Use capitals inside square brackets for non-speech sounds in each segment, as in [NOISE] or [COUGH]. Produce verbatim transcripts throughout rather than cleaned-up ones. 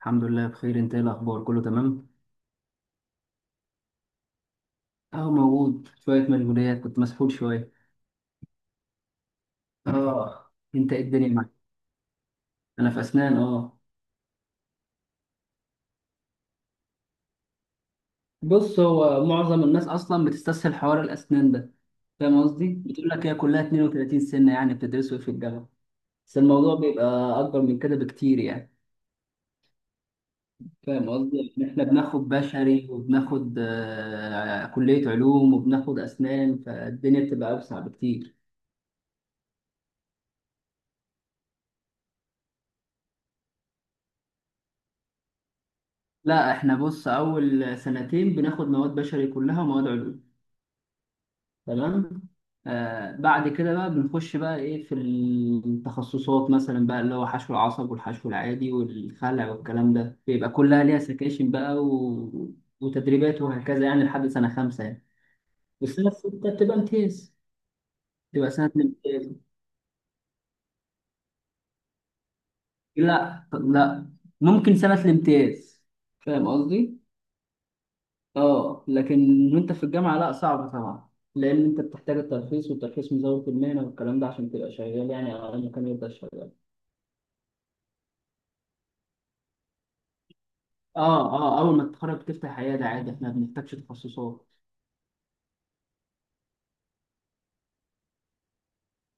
الحمد لله بخير. انت ايه الاخبار، كله تمام؟ اهو موجود، شويه مشغوليات كنت مسحول شويه. اه، انت ايه الدنيا معاك؟ انا في اسنان، اه. بص، هو معظم الناس اصلا بتستسهل حوار الاسنان ده. فاهم قصدي؟ بتقول لك هي كلها اثنين وثلاثين سنه، يعني بتدرسوا إيه في الجامعه؟ بس الموضوع بيبقى اكبر من كده بكتير يعني. فاهم قصدي؟ إن احنا بناخد بشري وبناخد آه، كليه علوم وبناخد اسنان، فالدنيا بتبقى اوسع بكتير. لا، احنا بص، اول سنتين بناخد مواد بشري كلها ومواد علوم. تمام. آه، بعد كده بقى بنخش بقى ايه في التخصصات، مثلا بقى اللي هو حشو العصب والحشو العادي والخلع والكلام ده، بيبقى كلها ليها سكاشن بقى و... وتدريبات وهكذا يعني لحد سنة خمسة يعني. والسنة الستة بتبقى امتياز، بتبقى سنة الامتياز. لا لا، ممكن سنة الامتياز، فاهم قصدي؟ اه لكن وانت في الجامعة لا، صعب طبعا، لأن انت بتحتاج الترخيص، والترخيص مزاولة المهنة والكلام ده عشان تبقى شغال، يعني على مكان يبدأ شغال. اه اه، اول ما تتخرج تفتح عياده عادي، احنا ما بنحتاجش تخصصات.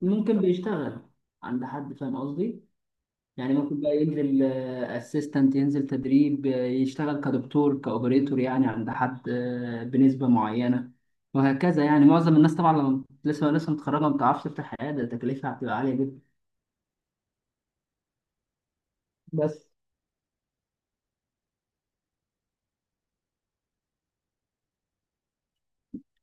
ممكن بيشتغل عند حد، فاهم قصدي؟ يعني ممكن بقى ينزل اسيستنت، ينزل تدريب، آه، يشتغل كدكتور كاوبريتور يعني عند حد، آه، بنسبه معينه، وهكذا يعني. معظم الناس طبعا لما لسه لسه متخرجه ما بتعرفش تفتح عياده، تكلفها هتبقى عاليه جدا. بس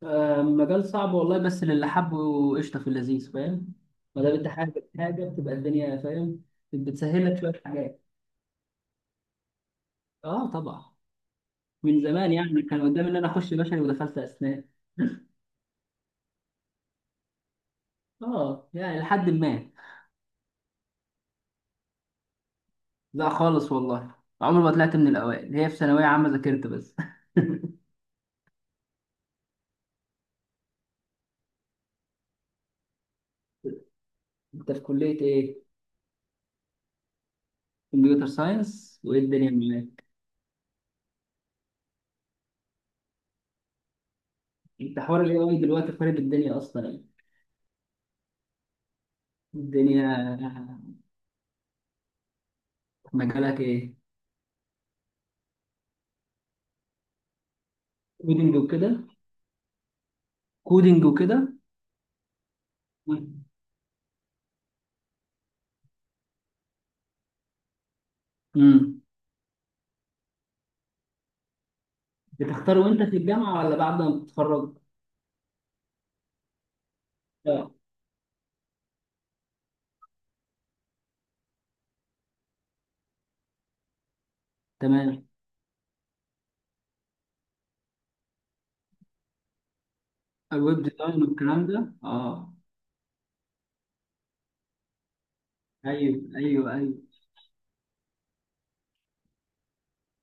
آه، مجال صعب والله، بس للي حبه قشطه في اللذيذ، فاهم؟ ما دام انت حابب حاجه بتبقى الدنيا، فاهم، بتسهل لك شويه حاجات. اه طبعا. من زمان يعني كان قدامي ان انا اخش بشري ودخلت اسنان. اه يعني لحد ما. لا خالص والله، عمري ما طلعت من الاوائل، هي في ثانويه عامه ذاكرت بس. [LAUGHS] انت في كليه ايه؟ كمبيوتر ساينس، وايه الدنيا معاك؟ انت حوار الاي اي دلوقتي خارب الدنيا اصلا يعني الدنيا. مجالك ايه؟ كودينج وكده؟ كودينج وكده. امم. بتختار وانت في الجامعه ولا بعد ما بتتخرج؟ اه. تمام. الويب ديزاين والكلام ده، اه. ايوه ايوه ايوه.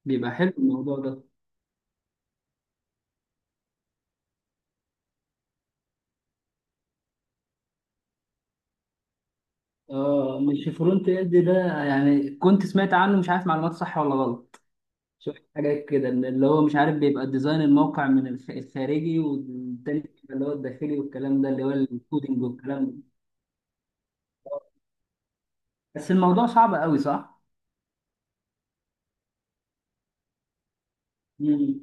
بيبقى حلو الموضوع ده. اه، مش فرونت اند ده؟ يعني كنت سمعت عنه، مش عارف معلومات صح ولا غلط. شفت حاجات كده إن اللي هو مش عارف، بيبقى ديزاين الموقع من الخ- الخارجي، والتاني بيبقى اللي هو الداخلي والكلام ده اللي هو الكودينج والكلام ده. بس الموضوع صعب قوي، صح؟ مم.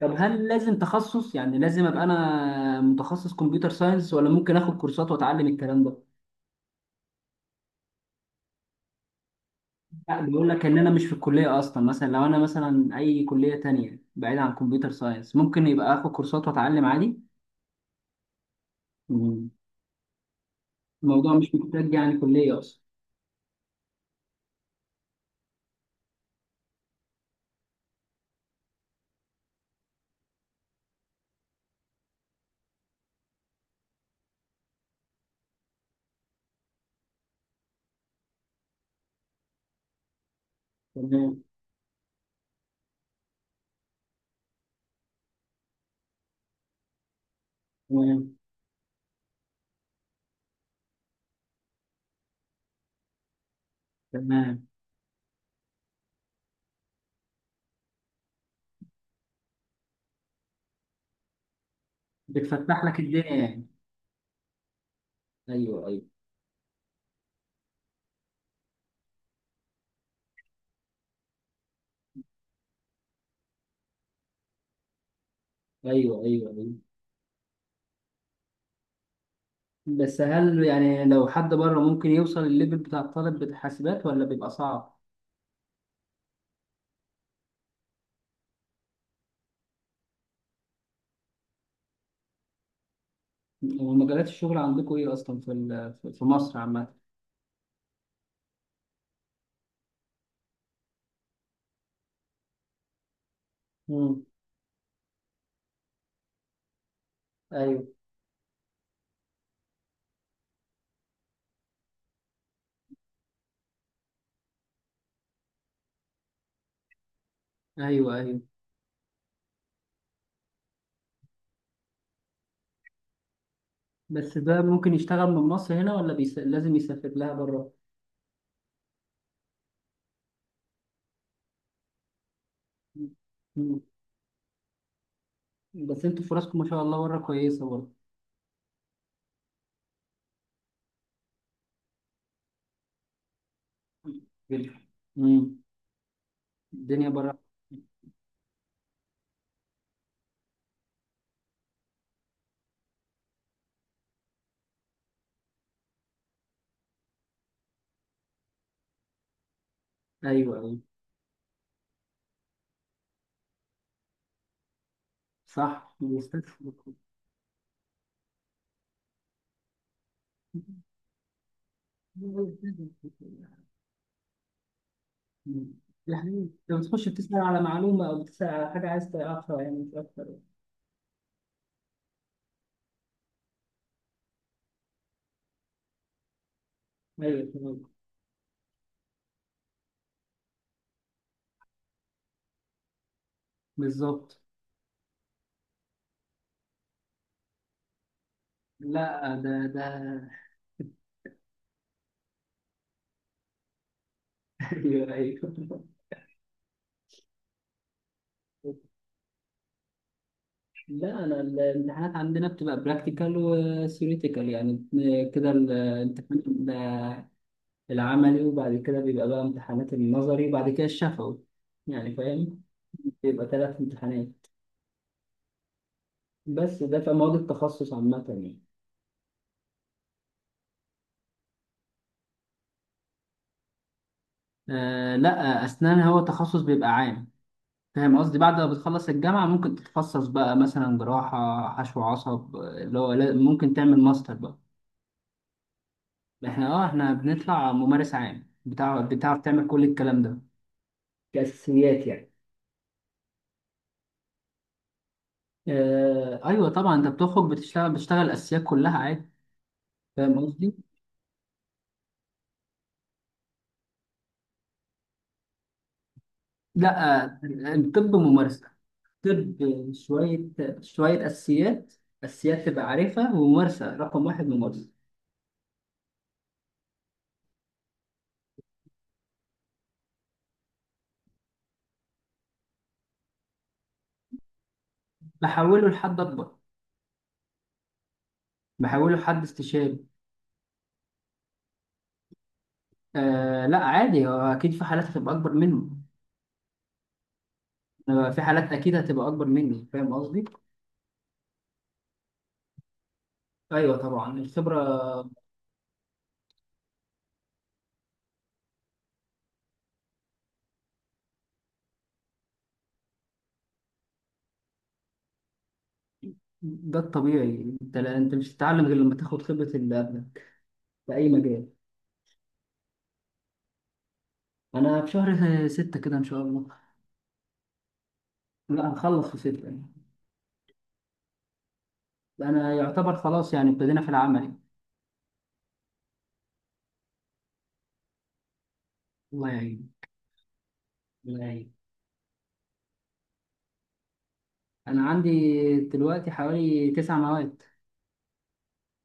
طب هل لازم تخصص؟ يعني لازم ابقى انا متخصص كمبيوتر ساينس، ولا ممكن اخد كورسات واتعلم الكلام ده؟ لا بيقول لك ان انا مش في الكليه اصلا، مثلا لو انا مثلا اي كليه تانية بعيد عن كمبيوتر ساينس، ممكن يبقى اخد كورسات واتعلم عادي؟ مم. الموضوع مش محتاج يعني كلية أصلا. تمام. تمام. تمام. بتفتح لك الدنيا يعني. أيوه أيوه أيوه. أيوه أيوه. بس هل يعني لو حد بره ممكن يوصل الليفل بتاع الطالب بتاع حاسبات، ولا بيبقى صعب؟ ومجالات الشغل عندكم إيه أصلا في ال- في مصر عامة؟ مم. أيوه أيوه أيوه. بس ده ممكن يشتغل من مصر هنا، ولا بيس... لازم يسافر لها بره؟ مم. بس أنتوا فرصكم ما شاء الله بره كويسة برضه. مم. الدنيا بره. ايوه ايوه. صح. مستشفى. يعني لما تخش بتسأل على معلومة أو بتسأل على حاجة عايز تعرفها، يعني مش أكتر. أيوه تمام. بالظبط. لا ده ده. [LAUGHS] أيوه أيوه. لا، أنا ال- الامتحانات عندنا بتبقى براكتيكال وثيوريتيكال يعني، كده ال- الامتحان بيبقى العملي، وبعد كده بيبقى بقى امتحانات النظري، وبعد كده الشفوي، يعني فاهم، بيبقى ثلاث امتحانات. بس ده في مواد التخصص عامة يعني. آه لا، أسنان هو تخصص بيبقى عام، فاهم قصدي؟ بعد ما بتخلص الجامعة ممكن تتخصص بقى، مثلا جراحة، حشو عصب، آه، اللي هو لا- ممكن تعمل ماستر بقى. احنا اه احنا بنطلع ممارس عام بتاع، بتعرف تعمل كل الكلام ده كأساسيات يعني. آه أيوة طبعا، أنت بتخرج بتشتغل بتشتغل الأساسيات كلها عادي. فاهم قصدي؟ لا آه، الطب ممارسة. طب، شوية، شوية أساسيات، أساسيات تبقى عارفها، وممارسة. رقم واحد ممارسة. بحوله لحد أكبر، بحوله لحد استشاري. آه لا عادي، هو اكيد في حالات هتبقى اكبر منه، آه، في حالات اكيد هتبقى اكبر مني، فاهم قصدي؟ ايوه طبعا، الخبره. ده الطبيعي، انت لا، انت مش هتتعلم غير لما تاخد خبره اللي قبلك، في اي مجال. انا في شهر ستة كده ان شاء الله. لا هنخلص في ستة يعني. انا يعتبر خلاص يعني، ابتدينا في العمل. الله يعين. الله يعين. انا عندي دلوقتي حوالي تسع مواد.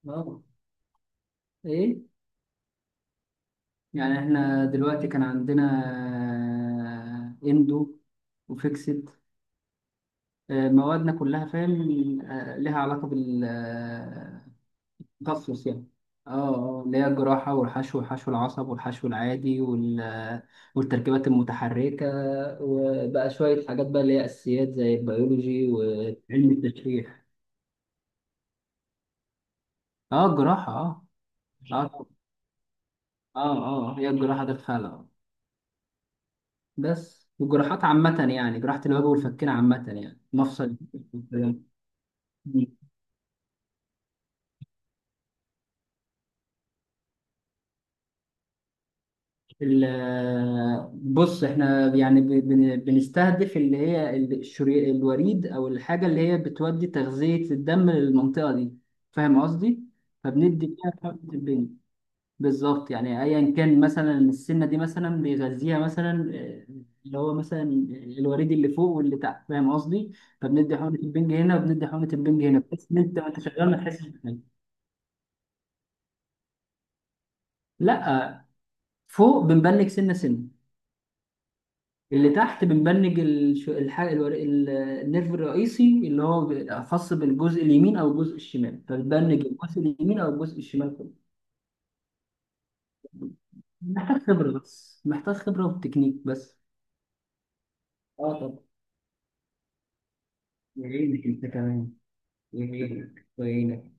اه. ايه. يعني احنا دلوقتي كان عندنا، آه، اندو، وفيكسد، آه، موادنا كلها فاهم، آه، لها علاقة بالتخصص يعني. اه اه، اللي هي الجراحة، والحشو، وحشو العصب، والحشو العادي، وال- آه، والتركيبات المتحركة، وبقى شوية حاجات بقى اللي هي أساسيات، زي البيولوجي وعلم التشريح. اه الجراحة اه. اه اه. اه هي الجراحة ده فعلا، بس والجراحات عامة يعني، جراحة الوجه والفكين عامة يعني، مفصل ال- بص احنا يعني ب- بن- بنستهدف اللي هي ال- الشري- الوريد، او الحاجة اللي هي بتودي تغذية الدم للمنطقة دي، فاهم قصدي؟ فبندي فيها حقن البين. بالظبط، يعني ايا كان مثلا السنة دي مثلا بيغذيها مثلا، آه، اللي هو مثلا الوريد اللي فوق واللي تحت، فاهم قصدي؟ فبندي حقنة البنج هنا، وبندي حقنة البنج هنا، بحيث ان انت وانت شغال ما تحسش بحاجة. لا، فوق بنبنج سنه سنه، اللي تحت بنبنج الش- الحاجه الور- ال- النيرف الرئيسي، اللي هو ب- خاص بالجزء اليمين او الجزء الشمال، فبنبنج الجزء اليمين او الجزء الشمال كله. محتاج خبره بس، محتاج خبره وتكنيك بس. اه طبعا. يعينك انت كمان. يعينك ويعينك.